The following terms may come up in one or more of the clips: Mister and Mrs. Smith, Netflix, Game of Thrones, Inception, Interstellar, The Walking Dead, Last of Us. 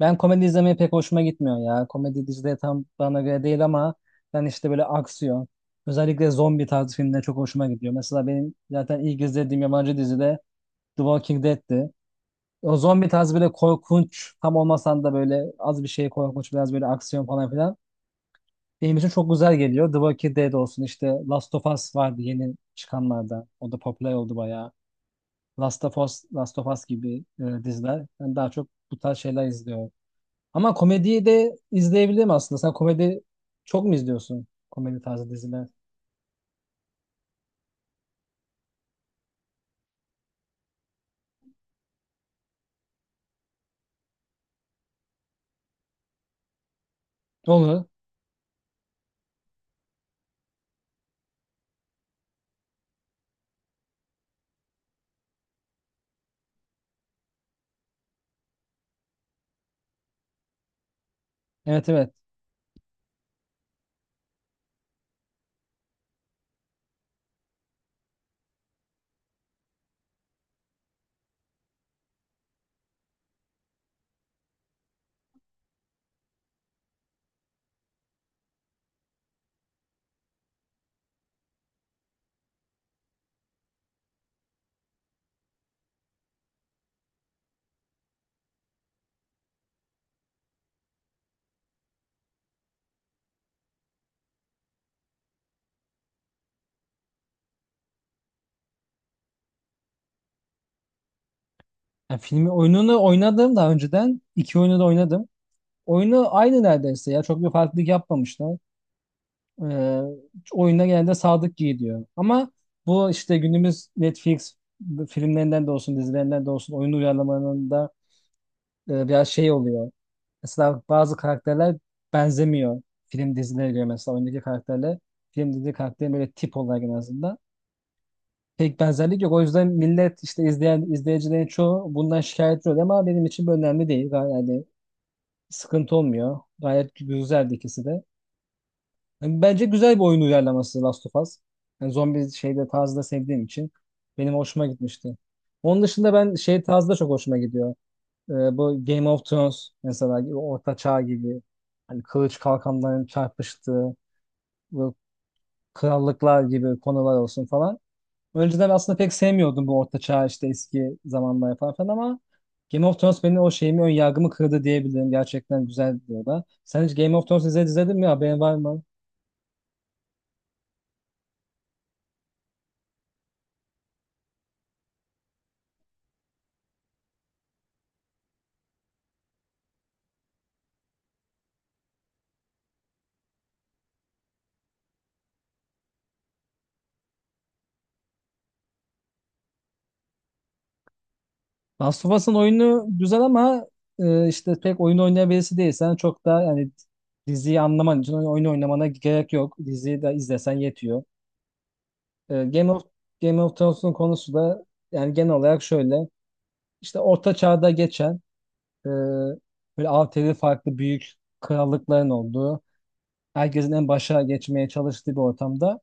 Ben komedi izlemeye pek hoşuma gitmiyor ya. Komedi dizileri tam bana göre değil ama ben böyle aksiyon. Özellikle zombi tarzı filmler çok hoşuma gidiyor. Mesela benim zaten ilk izlediğim yabancı dizi de The Walking Dead'ti. O zombi tarzı böyle korkunç tam olmasan da böyle az bir şey korkunç biraz böyle aksiyon falan filan. Benim için çok güzel geliyor. The Walking Dead olsun, işte Last of Us vardı yeni çıkanlarda. O da popüler oldu bayağı. Last of Us, Last of Us gibi diziler. Ben daha çok bu tarz şeyler izliyorum. Ama komediyi de izleyebilirim aslında. Sen komedi çok mu izliyorsun? Komedi tarzı diziler. Olur. Evet, evet. Yani filmi oyununu oynadım daha önceden. İki oyunu da oynadım. Oyunu aynı neredeyse ya. Çok bir farklılık yapmamışlar. Ee, Oyunda genelde sadık gidiyor. Ama bu işte günümüz Netflix filmlerinden de olsun, dizilerinden de olsun, oyun uyarlamalarında biraz şey oluyor. Mesela bazı karakterler benzemiyor film dizilere göre, mesela oyundaki karakterle film dizi karakterin böyle tip olarak en azından pek benzerlik yok. O yüzden millet işte izleyen izleyicilerin çoğu bundan şikayetçi oluyor ama benim için bu önemli değil. Yani sıkıntı olmuyor. Gayet güzeldi ikisi de. Yani bence güzel bir oyun uyarlaması Last of Us. Yani zombi şeyde tarzı da sevdiğim için benim hoşuma gitmişti. Onun dışında ben şey tarzı da çok hoşuma gidiyor. Bu Game of Thrones mesela gibi Orta Çağ gibi hani kılıç kalkanların çarpıştığı bu krallıklar gibi konular olsun falan. Önceden aslında pek sevmiyordum bu Orta Çağ işte eski zamanlar falan filan ama Game of Thrones benim o şeyimi, ön yargımı kırdı diyebilirim. Gerçekten güzel diyorlar. Sen hiç Game of Thrones izledin mi? Haberin var mı? Last of Us'ın oyunu güzel ama işte pek oyun oynayan birisi değilsen çok da, yani diziyi anlaman için oyun oynamana gerek yok. Diziyi de izlesen yetiyor. Ee, Game of Game of Thrones'un konusu da yani genel olarak şöyle. İşte Orta Çağ'da geçen e, böyle altılı farklı büyük krallıkların olduğu, herkesin en başa geçmeye çalıştığı bir ortamda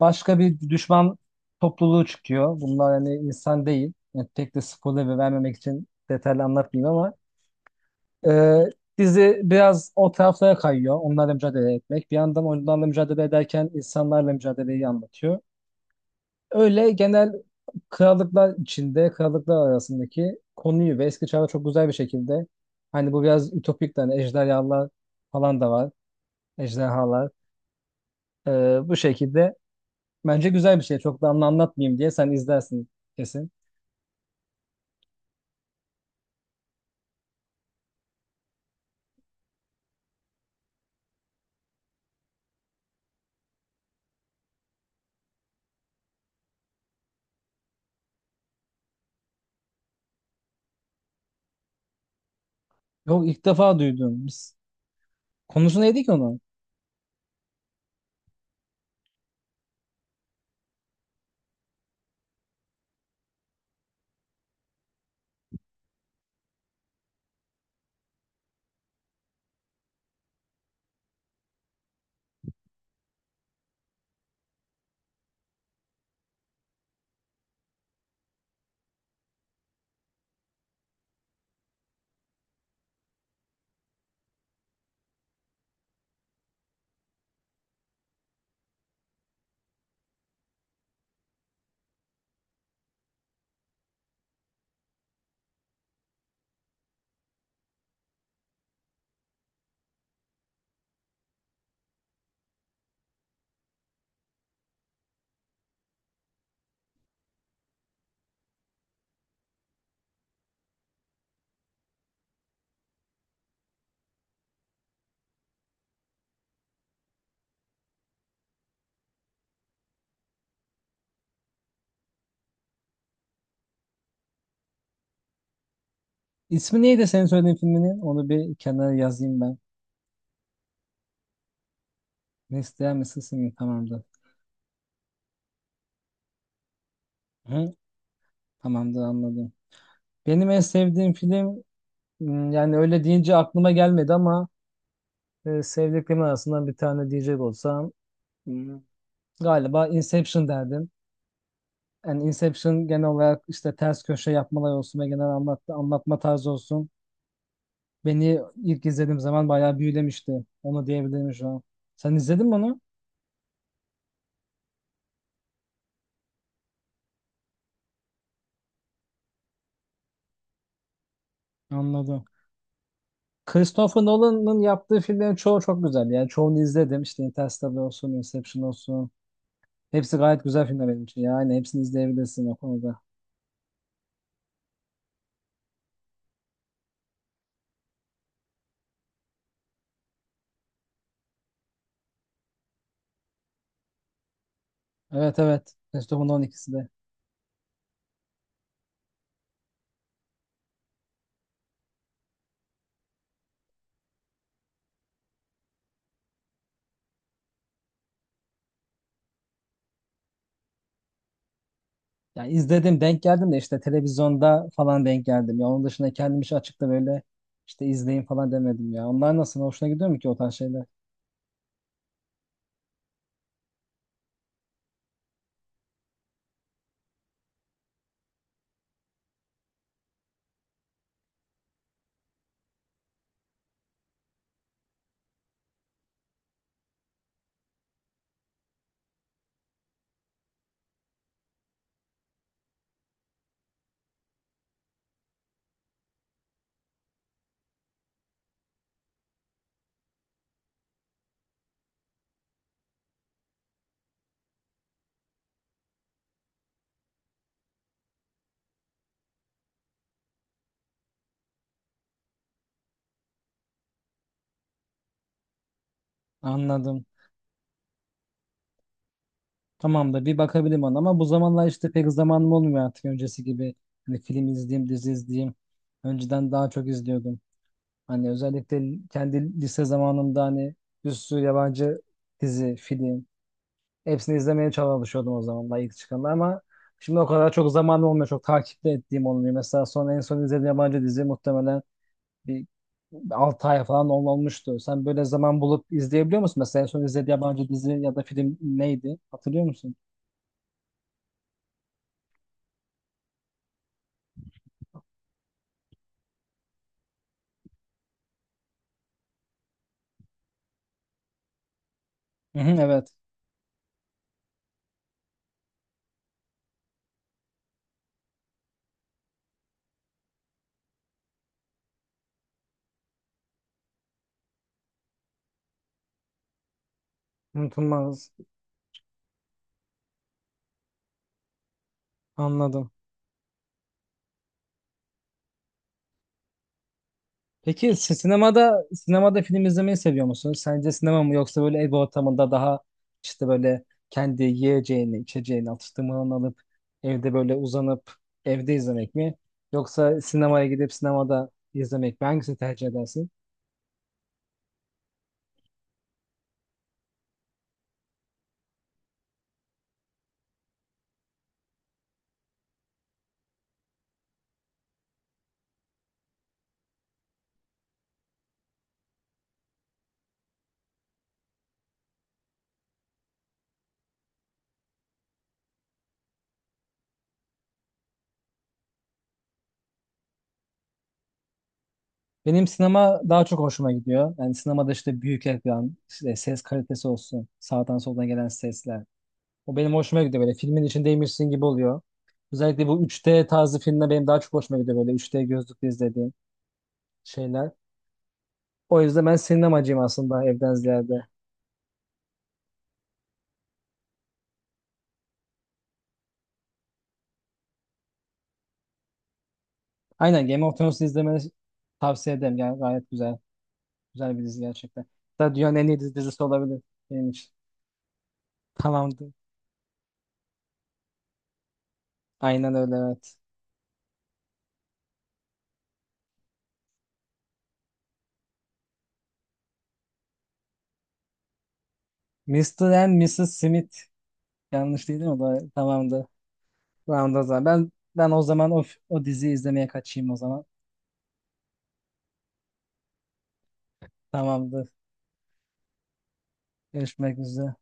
başka bir düşman topluluğu çıkıyor. Bunlar hani insan değil. Yani pek de spoiler vermemek için detaylı anlatmayayım ama e, dizi biraz o taraflara kayıyor. Onlarla mücadele etmek. Bir yandan onlarla mücadele ederken insanlarla mücadeleyi anlatıyor. Öyle genel krallıklar içinde, krallıklar arasındaki konuyu ve eski çağda çok güzel bir şekilde hani bu biraz ütopik de, hani ejderhalar falan da var. Ejderhalar. Bu şekilde bence güzel bir şey. Çok da anlatmayayım diye sen izlersin kesin. Yok, ilk defa duydum. Konusu neydi ki onun? İsmi neydi senin söylediğin filminin? Onu bir kenara yazayım ben. Besleyen mi Sesimi, tamamdır. Hı? Tamamdır, anladım. Benim en sevdiğim film yani öyle deyince aklıma gelmedi ama sevdiklerim arasından bir tane diyecek olsam m, galiba Inception derdim. Yani Inception genel olarak işte ters köşe yapmalar olsun ve genel anlatma tarzı olsun. Beni ilk izlediğim zaman bayağı büyülemişti. Onu diyebilirim şu an. Sen izledin mi onu? Anladım. Christopher Nolan'ın yaptığı filmlerin çoğu çok güzel. Yani çoğunu izledim. İşte Interstellar olsun, Inception olsun. Hepsi gayet güzel filmler benim için. Yani hepsini izleyebilirsin o konuda. Evet, evet. Christopher'ın 12'si de. Yani izledim, denk geldim de işte televizyonda falan denk geldim. Ya onun dışında kendim hiç açıkta böyle işte izleyin falan demedim ya. Onlar nasıl? Hoşuna gidiyor mu ki o tarz şeyler? Anladım. Tamam da bir bakabilirim ona ama bu zamanlar işte pek zamanım olmuyor artık öncesi gibi. Hani film izleyeyim, dizi izleyeyim. Önceden daha çok izliyordum. Hani özellikle kendi lise zamanımda hani bir sürü yabancı dizi, film. Hepsini izlemeye çalışıyordum o zamanlar ilk çıkanda ama şimdi o kadar çok zamanım olmuyor. Çok takipte ettiğim olmuyor. Mesela en son izlediğim yabancı dizi muhtemelen bir 6 ay falan olmuştu. Sen böyle zaman bulup izleyebiliyor musun? Mesela en son izlediğin yabancı dizi ya da film neydi? Hatırlıyor musun? Hı hı, evet. Unutulmaz. Anladım. Peki sinemada film izlemeyi seviyor musun? Sence sinema mı yoksa böyle ev ortamında daha işte böyle kendi yiyeceğini, içeceğini, atıştırmalarını alıp evde böyle uzanıp evde izlemek mi? Yoksa sinemaya gidip sinemada izlemek mi? Hangisini tercih edersin? Benim sinema daha çok hoşuma gidiyor. Yani sinemada işte büyük ekran, işte ses kalitesi olsun, sağdan soldan gelen sesler. O benim hoşuma gidiyor, böyle filmin içindeymişsin gibi oluyor. Özellikle bu 3D tarzı filmler benim daha çok hoşuma gidiyor, böyle 3D gözlükle izlediğim şeyler. O yüzden ben sinemacıyım aslında evden ziyade. Aynen, Game of Thrones'u izlemeni tavsiye ederim. Yani gayet güzel. Güzel bir dizi gerçekten. Hatta dünyanın en iyi dizisi olabilir benim için. Tamamdır. Aynen öyle, evet. Mister and Mrs. Smith. Yanlış değil mi? O da tamamdır. Tamamdır o zaman. Ben o zaman o diziyi izlemeye kaçayım o zaman. Tamamdır. Görüşmek üzere.